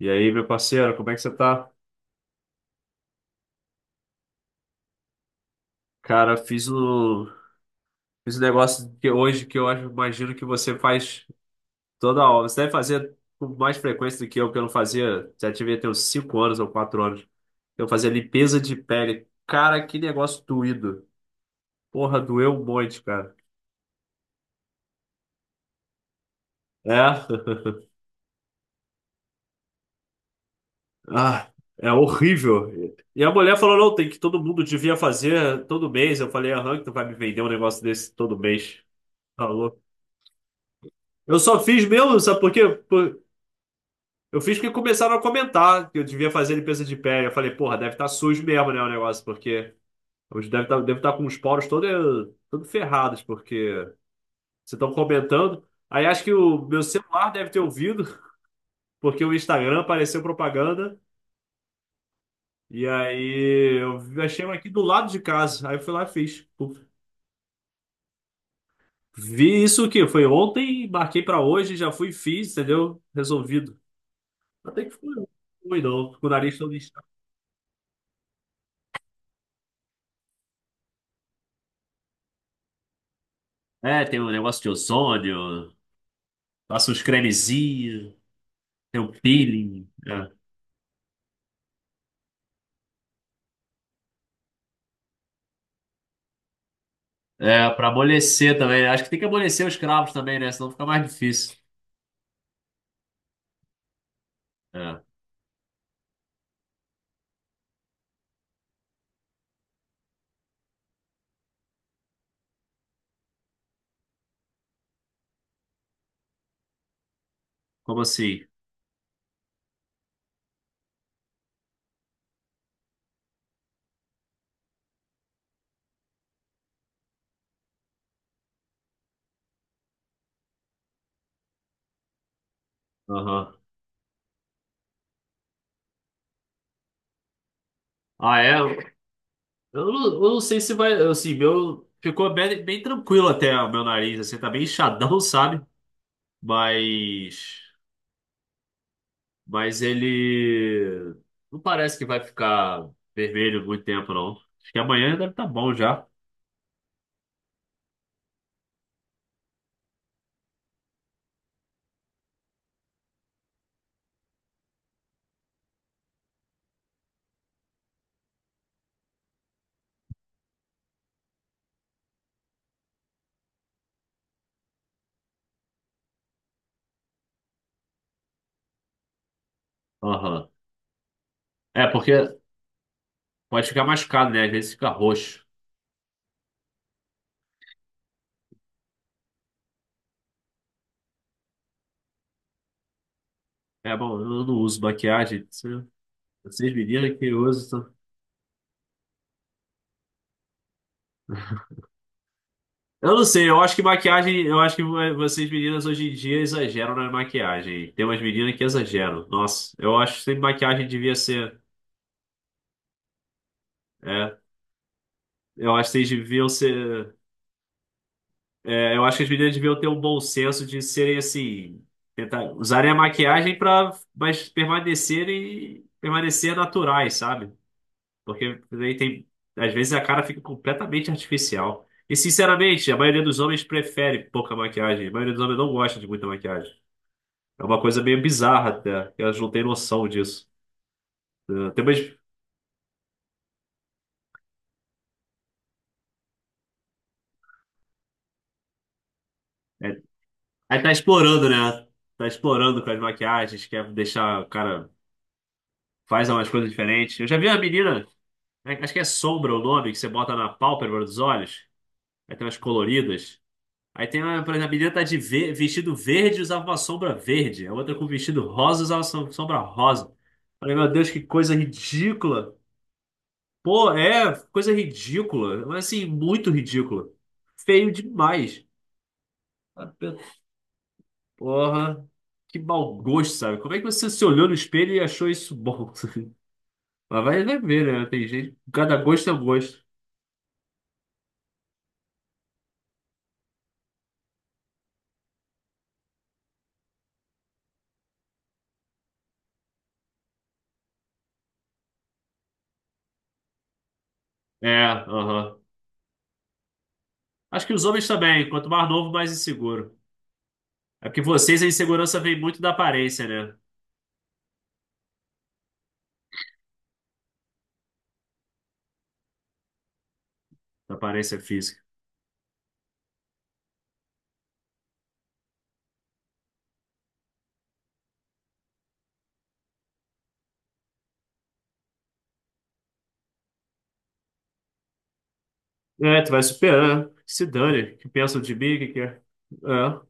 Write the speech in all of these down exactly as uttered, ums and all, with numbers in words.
E aí, meu parceiro, como é que você tá? Cara, fiz o fiz um negócio que hoje que eu acho, imagino que você faz toda hora. Você deve fazer com mais frequência do que eu, que eu não fazia. Já tive até uns cinco anos ou quatro anos. Eu fazia limpeza de pele. Cara, que negócio doído. Porra, doeu um monte, cara. É? Ah, é horrível. E a mulher falou, não, tem que todo mundo devia fazer todo mês. Eu falei, aham, que tu vai me vender um negócio desse todo mês. Falou. Eu só fiz mesmo, sabe por quê? Eu fiz porque começaram a comentar que eu devia fazer limpeza de pé. Eu falei, porra, deve estar sujo mesmo, né, o negócio, porque hoje deve estar deve estar com os poros todos todo ferrados, porque vocês estão comentando. Aí acho que o meu celular deve ter ouvido, porque o Instagram apareceu propaganda. E aí eu achei um aqui do lado de casa. Aí eu fui lá e fiz. Vi isso que foi ontem, marquei pra hoje, já fui e fiz, entendeu? Resolvido. Até que foi ruim, não. Com o nariz todo inchado. É, tem um negócio de ozônio. Passa uns cremezinhos, tem um peeling. É, é para amolecer também, né? Acho que tem que amolecer os cravos também, né? Senão fica mais difícil. É. Como assim? Aham. Ah, é? Eu não, eu não sei se vai. Assim, meu. Ficou bem, bem tranquilo até o meu nariz, assim, tá bem inchadão, sabe? Mas. Mas ele. Não parece que vai ficar vermelho muito tempo, não. Acho que amanhã deve estar bom já. Aham. É, porque pode ficar machucado, né? Às vezes fica roxo. É bom, eu não uso maquiagem. se- Vocês meninas que usam. Eu não sei, eu acho que maquiagem, eu acho que vo- vocês meninas hoje em dia exageram na maquiagem. Tem umas meninas que exageram. Nossa, eu acho que maquiagem devia ser. É, eu acho que vocês deviam ser. É, eu acho que as meninas deviam ter um bom senso de serem assim. Tentar, usarem a maquiagem para mas permanecerem, permanecer naturais, sabe? Porque daí tem. Às vezes a cara fica completamente artificial. E sinceramente, a maioria dos homens prefere pouca maquiagem. A maioria dos homens não gosta de muita maquiagem. É uma coisa meio bizarra até que elas não têm noção disso. É, tem umas... É, aí tá explorando, né? Tá explorando com as maquiagens, quer deixar o cara. Faz umas coisas diferentes. Eu já vi uma menina, é, acho que é sombra o nome, que você bota na pálpebra dos olhos. Aí tem umas coloridas. Aí tem uma, por exemplo, a menina tá de ve- vestido verde e usava uma sombra verde. A outra com vestido rosa usava som- sombra rosa. Falei, meu Deus, que coisa ridícula. Pô, é, coisa ridícula. Mas assim, muito ridícula. Feio demais. Porra, que mau gosto, sabe? Como é que você se olhou no espelho e achou isso bom? Mas vai vai ver, né? Tem gente. Cada gosto é um gosto. É, aham. Acho que os homens também. Quanto mais novo, mais inseguro. É porque vocês, a insegurança vem muito da aparência, né? Da aparência física. É, tu vai superar. Se dane. Que pensa de mim? O que quer? É.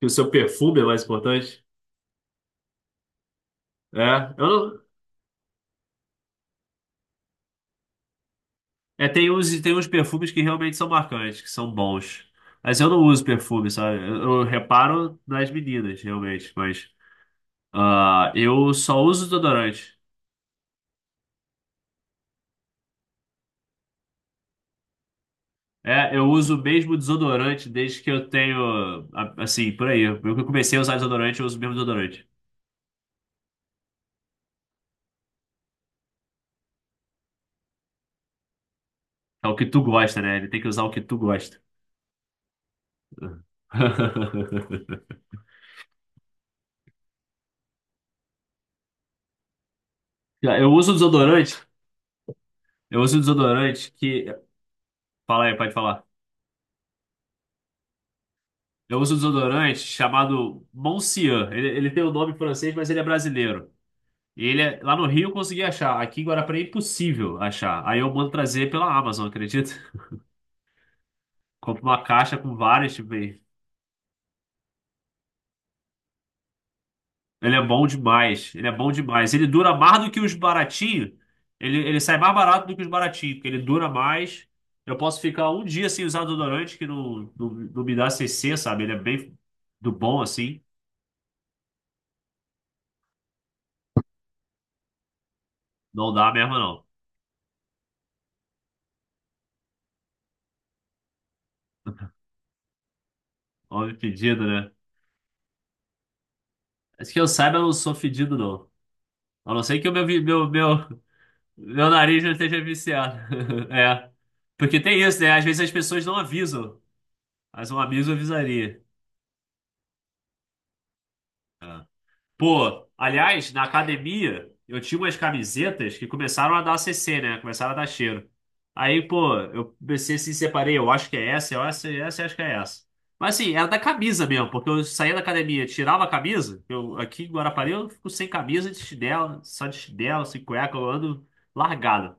Que o seu perfume é mais importante. É. Eu não... É, tem uns, tem uns perfumes que realmente são marcantes, que são bons. Mas eu não uso perfume, sabe? Eu, eu reparo nas meninas, realmente. Mas ah, eu só uso desodorante. É, eu uso o mesmo desodorante desde que eu tenho. a- Assim, por aí. Eu que comecei a usar desodorante, eu uso o mesmo desodorante. É o que tu gosta, né? Ele tem que usar o que tu gosta. Já. Eu uso desodorante. Eu uso desodorante que. Fala aí, pode falar. Eu uso desodorante chamado Moncian. Ele, ele tem o nome francês, mas ele é brasileiro. E ele é- lá no Rio eu consegui achar. Aqui em Guarapari é impossível achar. Aí eu mando trazer pela Amazon, acredita? Compro uma caixa com vários, tipo, ele é bom demais. Ele é bom demais. Ele dura mais do que os baratinhos. Ele, ele sai mais barato do que os baratinhos, porque ele dura mais. Eu posso ficar um dia sem usar desodorante que não, não, não me dá C C, sabe? Ele é bem do bom assim. Não dá mesmo, não. Homem fedido, né? Acho que eu saiba, eu não sou fedido, não. A não ser que o meu, vi- meu, meu, meu nariz não esteja viciado. É. Porque tem isso, né? Às vezes as pessoas não avisam. Mas um aviso avisaria. Pô, aliás, na academia, eu tinha umas camisetas que começaram a dar C C, né? Começaram a dar cheiro. Aí, pô, eu comecei assim, separei, eu acho que é essa, eu acho que é essa, eu acho que é essa. Mas assim, era da camisa mesmo, porque eu saía da academia, tirava a camisa, eu aqui em Guarapari eu fico sem camisa, de chinelo, só de chinelo, sem cueca, eu ando largado.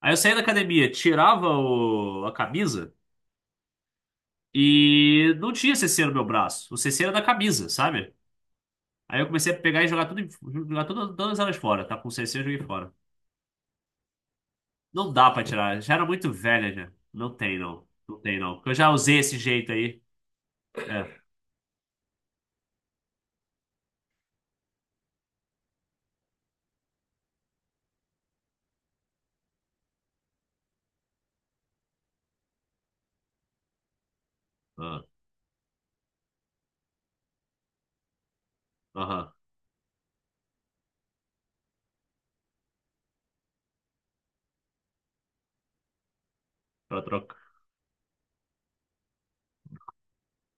Aí eu saía da academia, tirava o- a camisa e não tinha C C no meu braço. O C C era da camisa, sabe? Aí eu comecei a pegar e jogar tudo, em- jogar todas, todas elas fora. Tá com C C, eu joguei fora. Não dá pra tirar. Já era muito velha já. Não tem, não. Não tem, não. Porque eu já usei esse jeito aí. É. Ah, aham. Pra troca.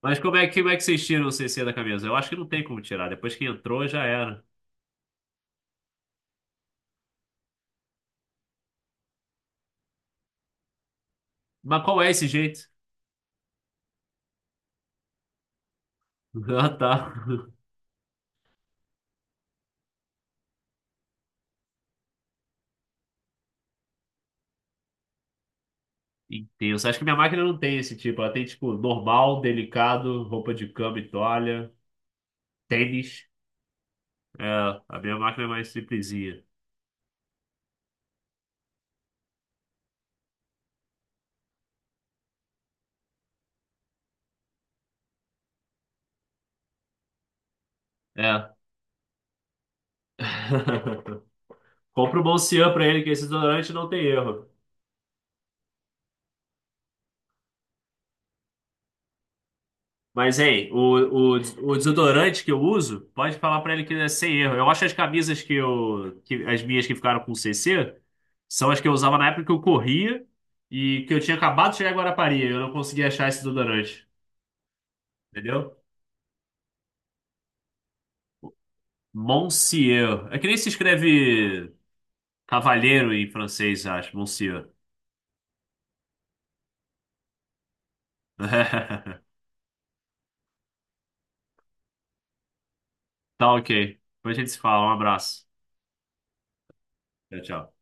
Mas como é, que- como é que vocês tiram o C C da camisa? Eu acho que não tem como tirar. Depois que entrou, já era. Mas qual é esse jeito? Ah, tá. Intenso. Acho que minha máquina não tem esse tipo. Ela tem, tipo, normal, delicado, roupa de cama e toalha, tênis. É, a minha máquina é mais simplesinha. É. Compra o Bolcian pra ele, que esse desodorante não tem erro. Mas, hein, o, o, o desodorante que eu uso, pode falar pra ele que é sem erro. Eu acho as camisas que eu. Que, as minhas que ficaram com C C são as que eu usava na época que eu corria e que eu tinha acabado de chegar em Guarapari. Eu não conseguia achar esse desodorante. Entendeu? Monsieur. É que nem se escreve cavalheiro em francês, acho. Monsieur. Tá ok. Depois a gente se fala. Um abraço. Tchau, tchau.